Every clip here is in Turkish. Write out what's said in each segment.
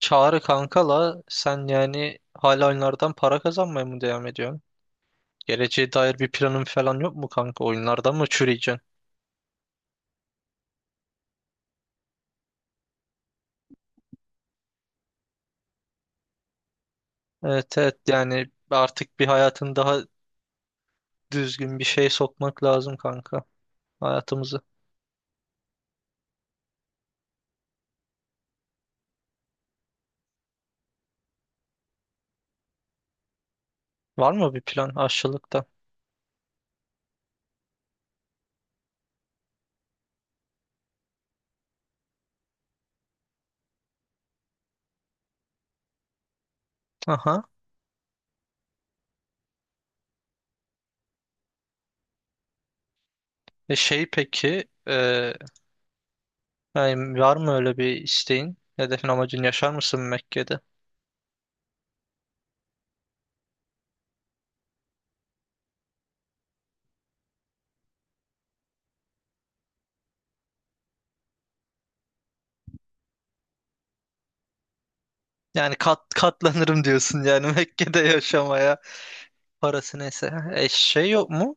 Çağrı kankala sen yani hala oyunlardan para kazanmaya mı devam ediyorsun? Geleceğe dair bir planın falan yok mu kanka? Oyunlardan mı çürüyeceksin? Evet, evet, yani artık bir hayatın daha düzgün bir şey sokmak lazım kanka, hayatımızı. Var mı bir plan aşçılıkta? Aha. E şey peki e, yani var mı öyle bir isteğin? Hedefin, amacın, yaşar mısın Mekke'de? Yani katlanırım diyorsun yani Mekke'de yaşamaya. Parası neyse. E, şey yok mu?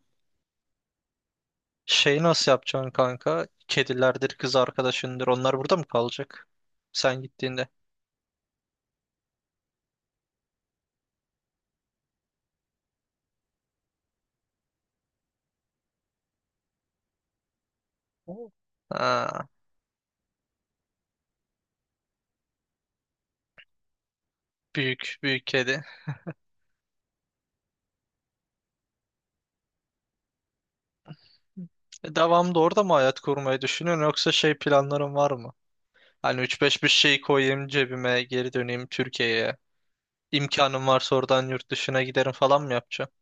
Şeyi nasıl yapacaksın kanka? Kedilerdir, kız arkadaşındır. Onlar burada mı kalacak? Sen gittiğinde. Oo. Ha, büyük, büyük kedi. Devamlı orada mı hayat kurmayı düşünüyorsun, yoksa şey planların var mı? Hani üç beş bir şey koyayım cebime, geri döneyim Türkiye'ye. İmkanım varsa oradan yurt dışına giderim falan mı yapacaksın?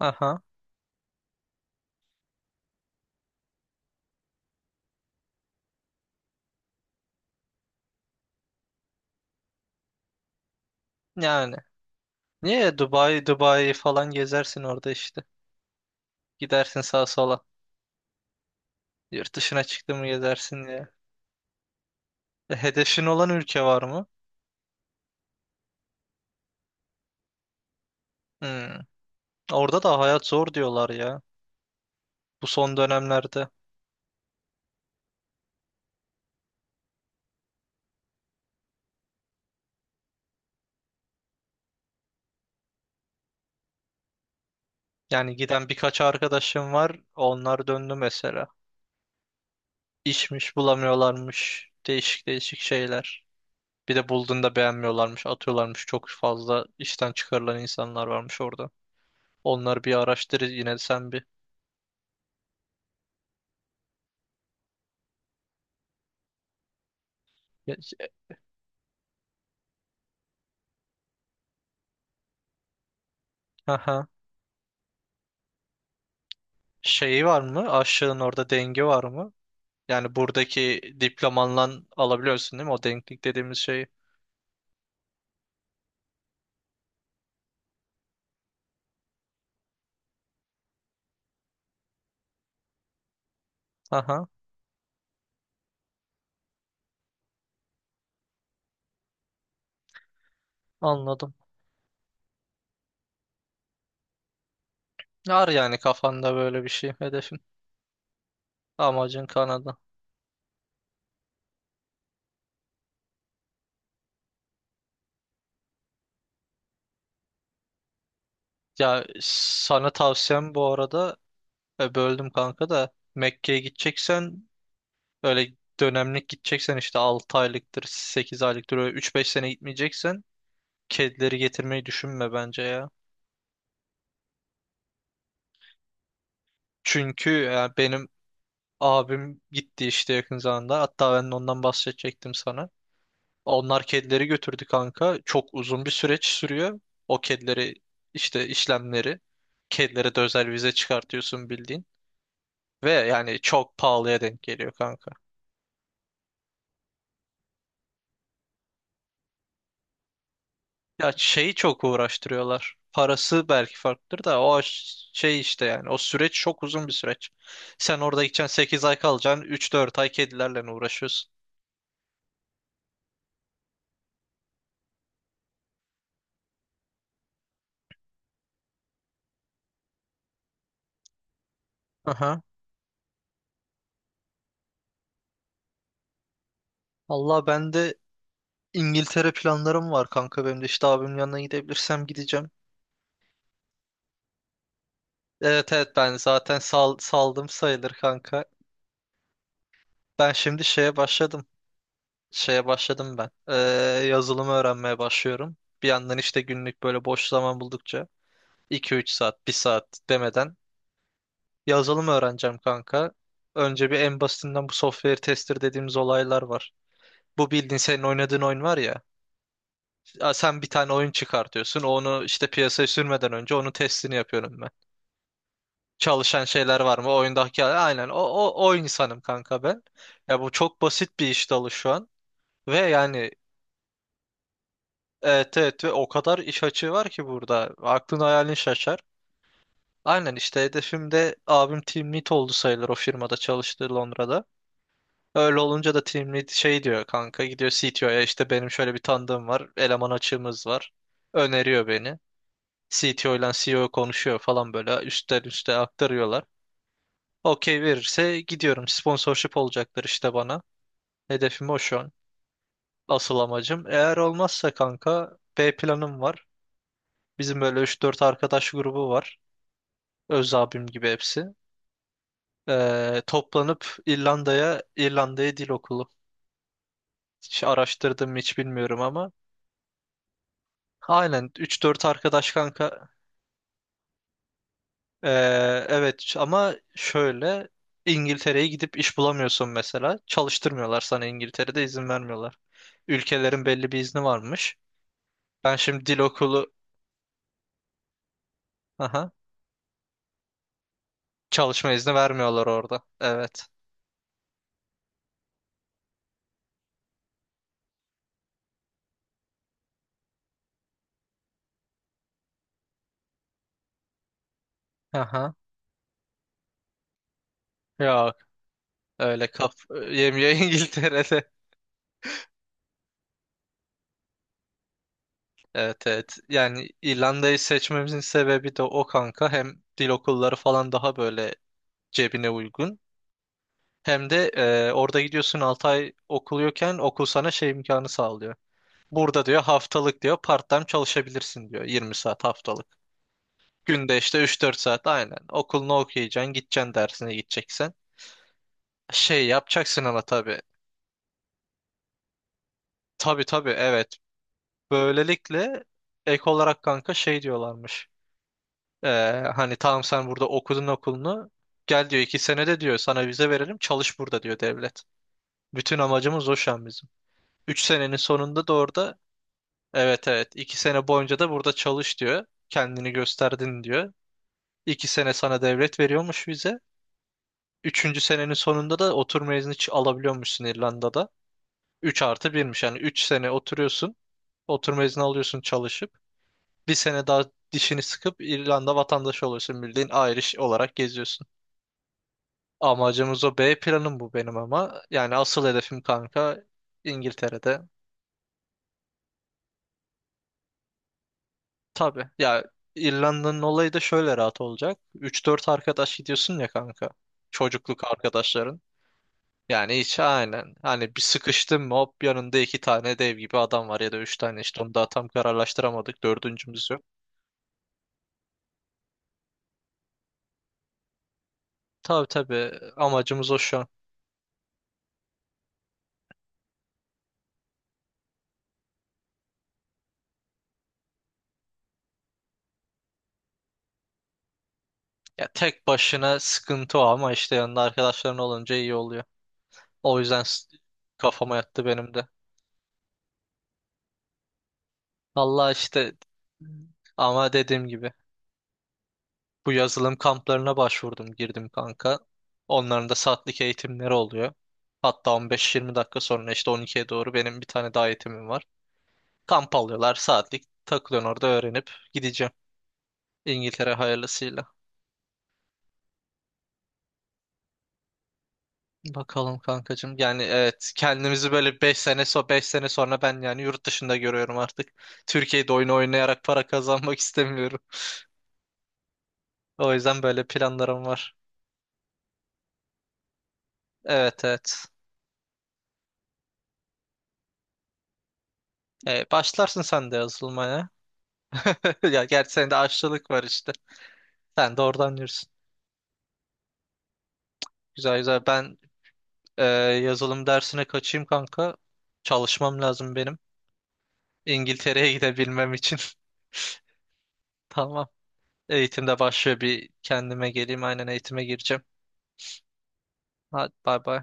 Aha. Yani. Niye, Dubai, Dubai falan gezersin orada işte. Gidersin sağa sola. Yurt dışına çıktın mı gezersin ya. E, hedefin olan ülke var mı? Hmm. Orada da hayat zor diyorlar ya. Bu son dönemlerde. Yani giden birkaç arkadaşım var. Onlar döndü mesela. İşmiş bulamıyorlarmış. Değişik değişik şeyler. Bir de bulduğunda beğenmiyorlarmış, atıyorlarmış. Çok fazla işten çıkarılan insanlar varmış orada. Onları bir araştır yine sen bir. Ya- Aha. Şeyi var mı? Aşığın orada dengi var mı? Yani buradaki diplomanla alabiliyorsun değil mi? O denklik dediğimiz şeyi. Aha, anladım. Var yani kafanda böyle bir şey, hedefin. Amacın Kanada. Ya sana tavsiyem bu arada, böldüm kanka da, Mekke'ye gideceksen öyle dönemlik gideceksen, işte 6 aylıktır, 8 aylıktır, öyle 3-5 sene gitmeyeceksen kedileri getirmeyi düşünme bence ya. Çünkü yani benim abim gitti işte yakın zamanda. Hatta ben de ondan bahsedecektim sana. Onlar kedileri götürdü kanka. Çok uzun bir süreç sürüyor. O kedileri işte, işlemleri. Kedilere de özel vize çıkartıyorsun bildiğin. Ve yani çok pahalıya denk geliyor kanka. Ya şeyi çok uğraştırıyorlar. Parası belki farklıdır da o ş- şey işte, yani o süreç çok uzun bir süreç. Sen orada gideceksin, 8 ay kalacaksın, üç dört ay kedilerle uğraşıyorsun. Aha. Allah, ben de İngiltere planlarım var kanka benim de, işte abimin yanına gidebilirsem gideceğim. Evet, evet, ben zaten saldım sayılır kanka. Ben şimdi şeye başladım. Şeye başladım ben. Yazılımı öğrenmeye başlıyorum. Bir yandan işte günlük böyle boş zaman buldukça iki üç saat, bir saat demeden yazılım öğreneceğim kanka. Önce bir en basitinden, bu software tester dediğimiz olaylar var. Bu bildiğin senin oynadığın oyun var ya. Sen bir tane oyun çıkartıyorsun. Onu işte piyasaya sürmeden önce onun testini yapıyorum, çalışan şeyler var mı? O oyundaki, aynen o insanım kanka ben. Ya bu çok basit bir iş dalı şu an. Ve yani evet, evet, ve o kadar iş açığı var ki burada. Aklın hayalin şaşar. Aynen işte, hedefim de abim team lead oldu sayılır o firmada çalıştığı Londra'da. Öyle olunca da team lead şey diyor kanka, gidiyor CTO'ya, işte benim şöyle bir tanıdığım var, eleman açığımız var. Öneriyor beni. CTO ile CEO konuşuyor falan, böyle üstten üste aktarıyorlar. Okey verirse gidiyorum. Sponsorship olacaklar işte bana. Hedefim o şu an. Asıl amacım. Eğer olmazsa kanka B planım var. Bizim böyle üç dört arkadaş grubu var. Öz abim gibi hepsi. Toplanıp İrlanda'ya, İrlanda'ya dil okulu. Hiç araştırdım mı hiç bilmiyorum ama. Aynen üç dört arkadaş kanka. Ee, evet ama şöyle, İngiltere'ye gidip iş bulamıyorsun mesela. Çalıştırmıyorlar, sana İngiltere'de izin vermiyorlar. Ülkelerin belli bir izni varmış. Ben şimdi dil okulu, aha, çalışma izni vermiyorlar orada. Evet. Aha. Yok, öyle kaf yemiyor İngiltere'de. Evet, evet. Yani İrlanda'yı seçmemizin sebebi de o kanka. Hem dil okulları falan daha böyle cebine uygun. Hem de orada gidiyorsun 6 ay okuluyorken okul sana şey imkanı sağlıyor. Burada diyor haftalık diyor part-time çalışabilirsin diyor, yirmi saat haftalık. Günde işte üç dört saat aynen. Okulunu okuyacaksın, gideceksin dersine gideceksen. Şey yapacaksın ama tabii. Tabii, tabii, evet. Böylelikle ek olarak kanka şey diyorlarmış. Ee, hani, tamam sen burada okudun okulunu. Gel diyor, iki senede diyor sana vize verelim, çalış burada diyor devlet. Bütün amacımız o şu an bizim. Üç senenin sonunda da orada evet, evet, iki sene boyunca da burada çalış diyor. Kendini gösterdin diyor. İki sene sana devlet veriyormuş vize. Üçüncü senenin sonunda da oturma izni ç- alabiliyormuşsun İrlanda'da. Üç artı birmiş yani, üç sene oturuyorsun. Oturma izni alıyorsun çalışıp. Bir sene daha dişini sıkıp İrlanda vatandaşı olursun. Bildiğin Irish olarak geziyorsun. Amacımız o, B planım bu benim ama. Yani asıl hedefim kanka İngiltere'de. Tabii ya, İrlanda'nın olayı da şöyle rahat olacak. Üç dört arkadaş gidiyorsun ya kanka. Çocukluk arkadaşların. Yani hiç, aynen. Hani bir sıkıştın mı hop yanında iki tane dev gibi adam var, ya da üç tane, işte onu daha tam kararlaştıramadık. Dördüncümüz yok. Tabii, tabii, amacımız o şu an. Ya tek başına sıkıntı o, ama işte yanında arkadaşların olunca iyi oluyor. O yüzden s- kafama yattı benim de. Allah işte, ama dediğim gibi bu yazılım kamplarına başvurdum, girdim kanka. Onların da saatlik eğitimleri oluyor. Hatta 15-20 dakika sonra işte 12'ye doğru benim bir tane daha eğitimim var. Kamp alıyorlar, saatlik takılıyorsun orada, öğrenip gideceğim. İngiltere hayırlısıyla. Bakalım kankacığım. Yani evet, kendimizi böyle 5 sene so 5 sene sonra ben yani yurt dışında görüyorum artık. Türkiye'de oyun oynayarak para kazanmak istemiyorum. O yüzden böyle planlarım var. Evet, evet. Başlarsın sen de yazılmaya. Ya gerçi senin de aşçılık var işte. Sen de oradan yürüsün. Güzel, güzel. Ben e, yazılım dersine kaçayım kanka. Çalışmam lazım benim. İngiltere'ye gidebilmem için. Tamam. Eğitimde başlıyor, bir kendime geleyim. Aynen, eğitime gireceğim. Hadi, bay bay.